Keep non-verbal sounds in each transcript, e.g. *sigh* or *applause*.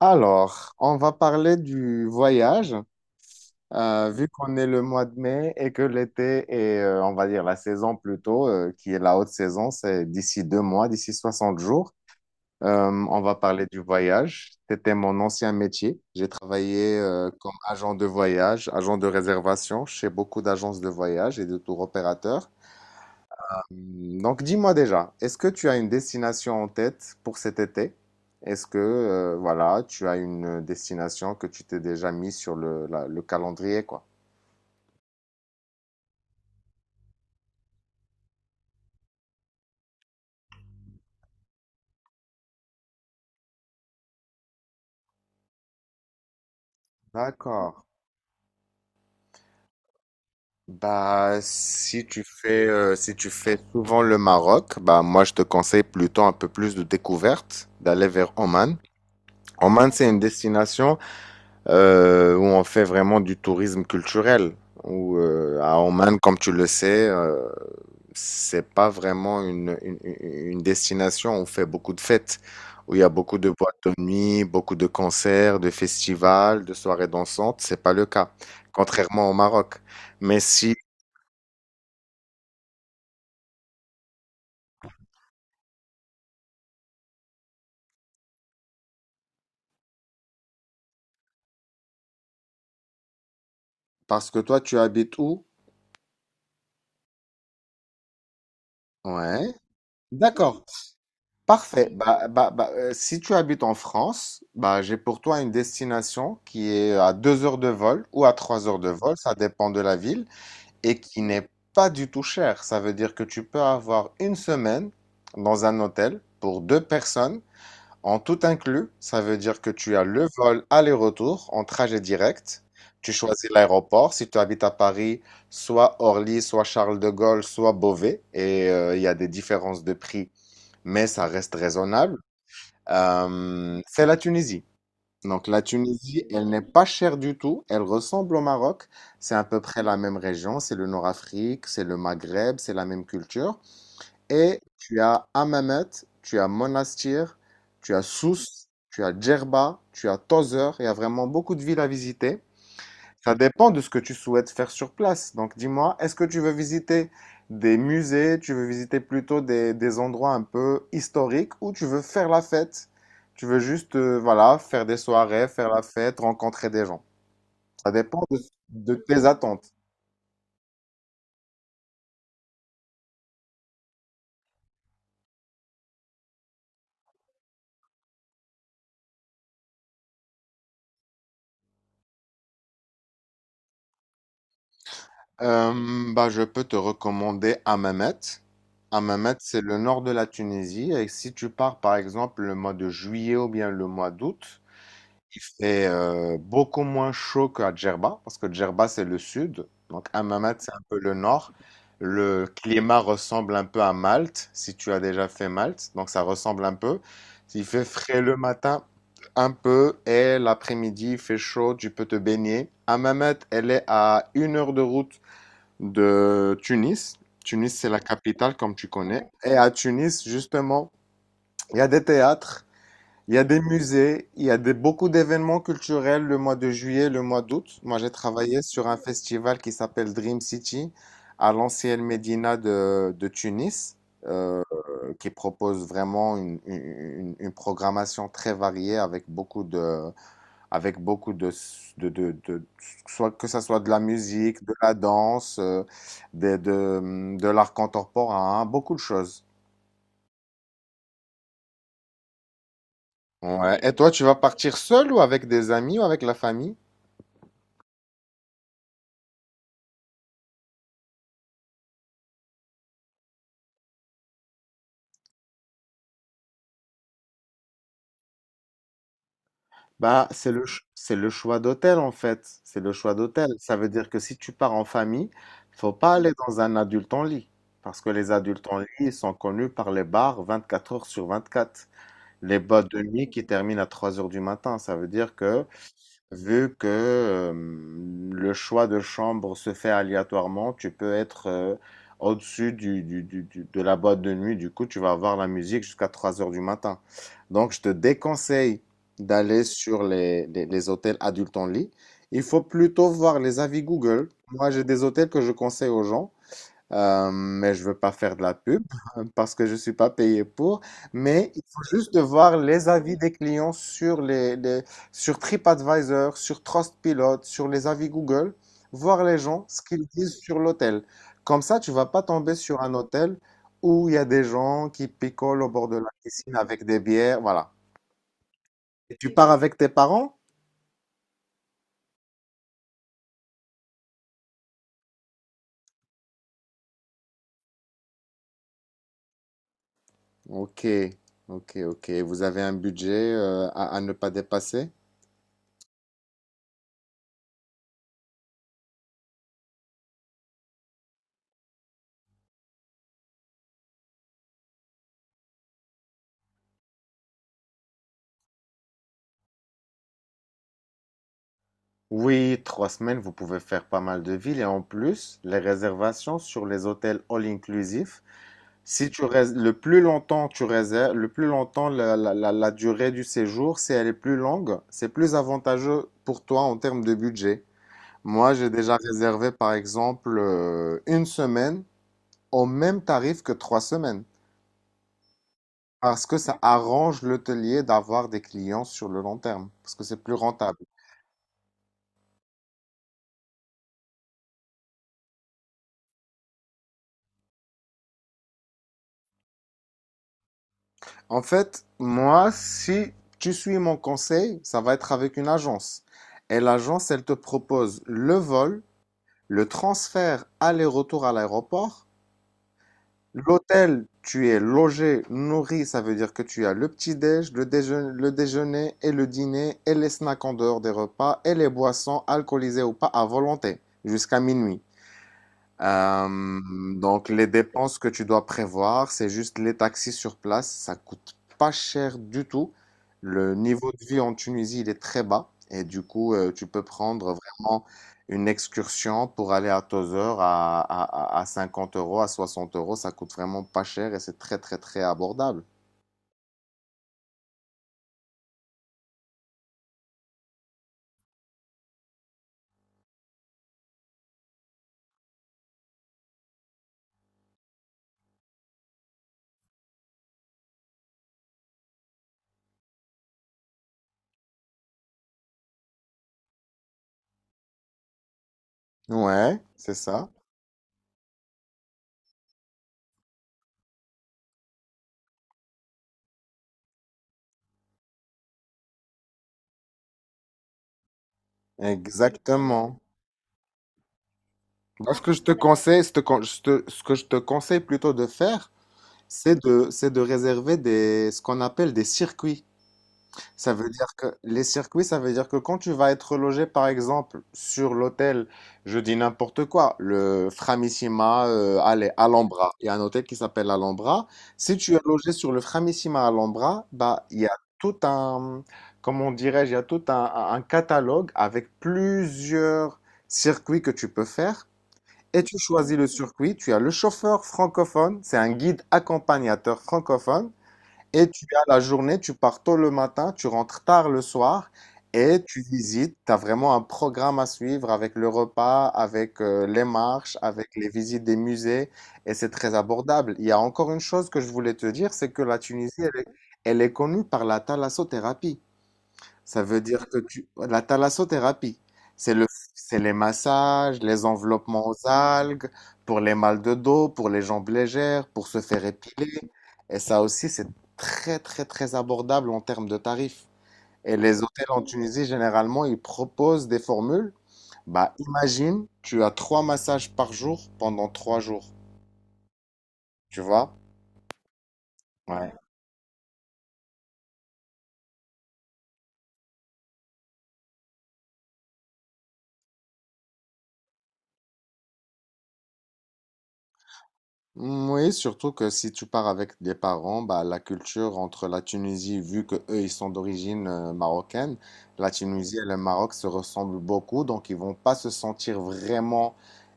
Alors, on va parler du voyage, vu qu'on est le mois de mai et que l'été est, on va dire, la saison plutôt, qui est la haute saison, c'est d'ici 2 mois, d'ici 60 jours. On va parler du voyage. C'était mon ancien métier. J'ai travaillé, comme agent de voyage, agent de réservation chez beaucoup d'agences de voyage et de tour opérateurs. Donc dis-moi déjà, est-ce que tu as une destination en tête pour cet été? Est-ce que voilà, tu as une destination que tu t'es déjà mis sur le calendrier, quoi? D'accord. Bah si tu fais si tu fais souvent le Maroc, bah moi je te conseille plutôt un peu plus de découverte, d'aller vers Oman. Oman c'est une destination où on fait vraiment du tourisme culturel. Où, à Oman, comme tu le sais, c'est pas vraiment une destination où on fait beaucoup de fêtes, où il y a beaucoup de boîtes de nuit, beaucoup de concerts, de festivals, de soirées dansantes. C'est pas le cas, contrairement au Maroc. Mais si, parce que toi, tu habites où? Ouais, d'accord. Parfait. Si tu habites en France, bah, j'ai pour toi une destination qui est à 2 heures de vol ou à 3 heures de vol, ça dépend de la ville, et qui n'est pas du tout chère. Ça veut dire que tu peux avoir une semaine dans un hôtel pour deux personnes, en tout inclus. Ça veut dire que tu as le vol aller-retour en trajet direct. Tu choisis l'aéroport. Si tu habites à Paris, soit Orly, soit Charles de Gaulle, soit Beauvais, et il y a des différences de prix mais ça reste raisonnable. C'est la Tunisie. Donc la Tunisie, elle n'est pas chère du tout, elle ressemble au Maroc, c'est à peu près la même région, c'est le Nord-Afrique, c'est le Maghreb, c'est la même culture. Et tu as Hammamet, tu as Monastir, tu as Sousse, tu as Djerba, tu as Tozeur, il y a vraiment beaucoup de villes à visiter. Ça dépend de ce que tu souhaites faire sur place. Donc dis-moi, est-ce que tu veux visiter des musées, tu veux visiter plutôt des endroits un peu historiques ou tu veux faire la fête? Tu veux juste, voilà, faire des soirées, faire la fête, rencontrer des gens. Ça dépend de tes attentes. Euh, Bah, je peux te recommander Hammamet. Hammamet, c'est le nord de la Tunisie. Et si tu pars, par exemple, le mois de juillet ou bien le mois d'août, il fait beaucoup moins chaud qu'à Djerba, parce que Djerba, c'est le sud, donc Hammamet, c'est un peu le nord. Le climat ressemble un peu à Malte, si tu as déjà fait Malte, donc ça ressemble un peu. Il fait frais le matin, un peu, et l'après-midi, il fait chaud, tu peux te baigner. Hammamet, elle est à une heure de route de Tunis. Tunis, c'est la capitale, comme tu connais. Et à Tunis, justement, il y a des théâtres. Il y a des musées, il y a des, beaucoup d'événements culturels le mois de juillet, le mois d'août. Moi, j'ai travaillé sur un festival qui s'appelle Dream City à l'ancienne Médina de Tunis, euh, qui propose vraiment une programmation très variée avec beaucoup de- soit que ça soit de la musique, de la danse, de l'art contemporain, hein, beaucoup de choses. Ouais. Et toi, tu vas partir seul ou avec des amis ou avec la famille? Bah, c'est c'est le choix d'hôtel en fait. C'est le choix d'hôtel. Ça veut dire que si tu pars en famille, faut pas aller dans un adulte en lit. Parce que les adultes en lit, ils sont connus par les bars 24 heures sur 24, les bas de nuit qui terminent à 3 heures du matin. Ça veut dire que vu que le choix de chambre se fait aléatoirement, tu peux être au-dessus de la boîte de nuit. Du coup, tu vas avoir la musique jusqu'à 3 heures du matin. Donc, je te déconseille d'aller sur les hôtels adultes en lit. Il faut plutôt voir les avis Google. Moi, j'ai des hôtels que je conseille aux gens. Mais je veux pas faire de la pub *laughs* hein, parce que je suis pas payé pour. Mais il faut juste de voir les avis des clients sur sur TripAdvisor, sur Trustpilot, sur les avis Google, voir les gens ce qu'ils disent sur l'hôtel. Comme ça, tu vas pas tomber sur un hôtel où il y a des gens qui picolent au bord de la piscine avec des bières, voilà. Et tu pars avec tes parents? Ok, ok, ok. Vous avez un budget à ne pas dépasser? Oui, trois semaines, vous pouvez faire pas mal de villes et en plus, les réservations sur les hôtels all inclusifs si le plus longtemps tu réserves, le plus longtemps la durée du séjour, si elle est plus longue, c'est plus avantageux pour toi en termes de budget. Moi, j'ai déjà réservé par exemple une semaine au même tarif que 3 semaines parce que ça arrange l'hôtelier d'avoir des clients sur le long terme parce que c'est plus rentable. En fait, moi, si tu suis mon conseil, ça va être avec une agence. Et l'agence, elle te propose le vol, le transfert aller-retour à l'aéroport, l'hôtel, tu es logé, nourri, ça veut dire que tu as le petit-déj, le déjeuner et le dîner et les snacks en dehors des repas et les boissons alcoolisées ou pas à volonté jusqu'à minuit. Donc les dépenses que tu dois prévoir, c'est juste les taxis sur place. Ça coûte pas cher du tout. Le niveau de vie en Tunisie, il est très bas. Et du coup, tu peux prendre vraiment une excursion pour aller à Tozeur à 50 euros, à 60 euros. Ça coûte vraiment pas cher et c'est très, très, très abordable. Ouais, c'est ça. Exactement. Moi, ce que je te conseille, ce que je te conseille plutôt de faire, c'est c'est de réserver des, ce qu'on appelle des circuits. Ça veut dire que les circuits, ça veut dire que quand tu vas être logé, par exemple, sur l'hôtel, je dis n'importe quoi, le Framissima, allez, Alhambra. Il y a un hôtel qui s'appelle Alhambra. Si tu es logé sur le Framissima Alhambra, bah, il y a tout un, comment dirais-je, il y a tout un catalogue avec plusieurs circuits que tu peux faire. Et tu choisis le circuit, tu as le chauffeur francophone, c'est un guide accompagnateur francophone, et tu as la journée, tu pars tôt le matin, tu rentres tard le soir, et tu visites, tu as vraiment un programme à suivre avec le repas, avec les marches, avec les visites des musées, et c'est très abordable. Il y a encore une chose que je voulais te dire, c'est que la Tunisie, elle est connue par la thalassothérapie. Ça veut dire que tu... La thalassothérapie, c'est le... c'est les massages, les enveloppements aux algues, pour les mal de dos, pour les jambes légères, pour se faire épiler. Et ça aussi, c'est très, très, très abordable en termes de tarifs. Et les hôtels en Tunisie, généralement, ils proposent des formules. Bah, imagine, tu as 3 massages par jour pendant 3 jours. Tu vois? Ouais. Mm, oui, surtout que si tu pars avec des parents, bah, la culture entre la Tunisie, vu que eux ils sont d'origine marocaine, la Tunisie et le Maroc se ressemblent beaucoup, donc ils vont pas se sentir vraiment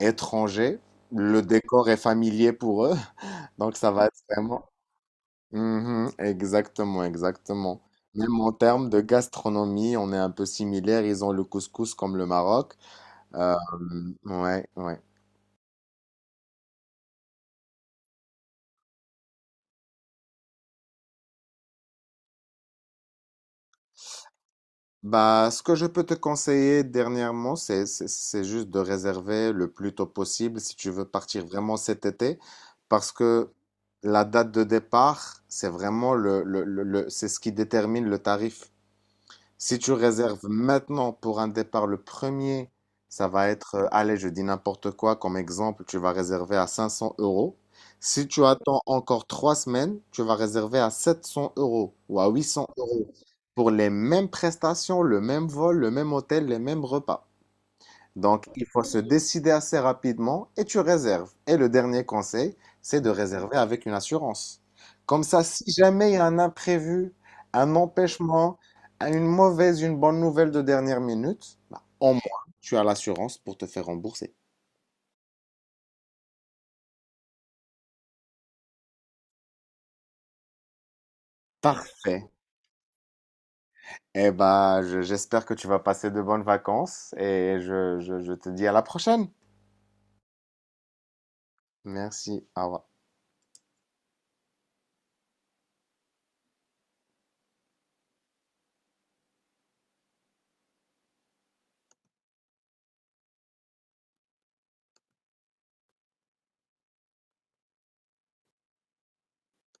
étrangers. Le décor est familier pour eux, *laughs* donc ça va être vraiment. Mhm, exactement, exactement. Même en termes de gastronomie, on est un peu similaire. Ils ont le couscous comme le Maroc. Euh, ouais, ouais. Bah, ce que je peux te conseiller dernièrement, c'est juste de réserver le plus tôt possible si tu veux partir vraiment cet été, parce que la date de départ, c'est vraiment c'est ce qui détermine le tarif. Si tu réserves maintenant pour un départ le premier, ça va être, allez, je dis n'importe quoi, comme exemple, tu vas réserver à 500 euros. Si tu attends encore 3 semaines, tu vas réserver à 700 € ou à 800 € pour les mêmes prestations, le même vol, le même hôtel, les mêmes repas. Donc, il faut se décider assez rapidement et tu réserves. Et le dernier conseil, c'est de réserver avec une assurance. Comme ça, si jamais il y a un imprévu, un empêchement, une mauvaise, une bonne nouvelle de dernière minute, bah, au moins, tu as l'assurance pour te faire rembourser. Parfait. Eh ben, j'espère que tu vas passer de bonnes vacances et je te dis à la prochaine. Merci. Au revoir.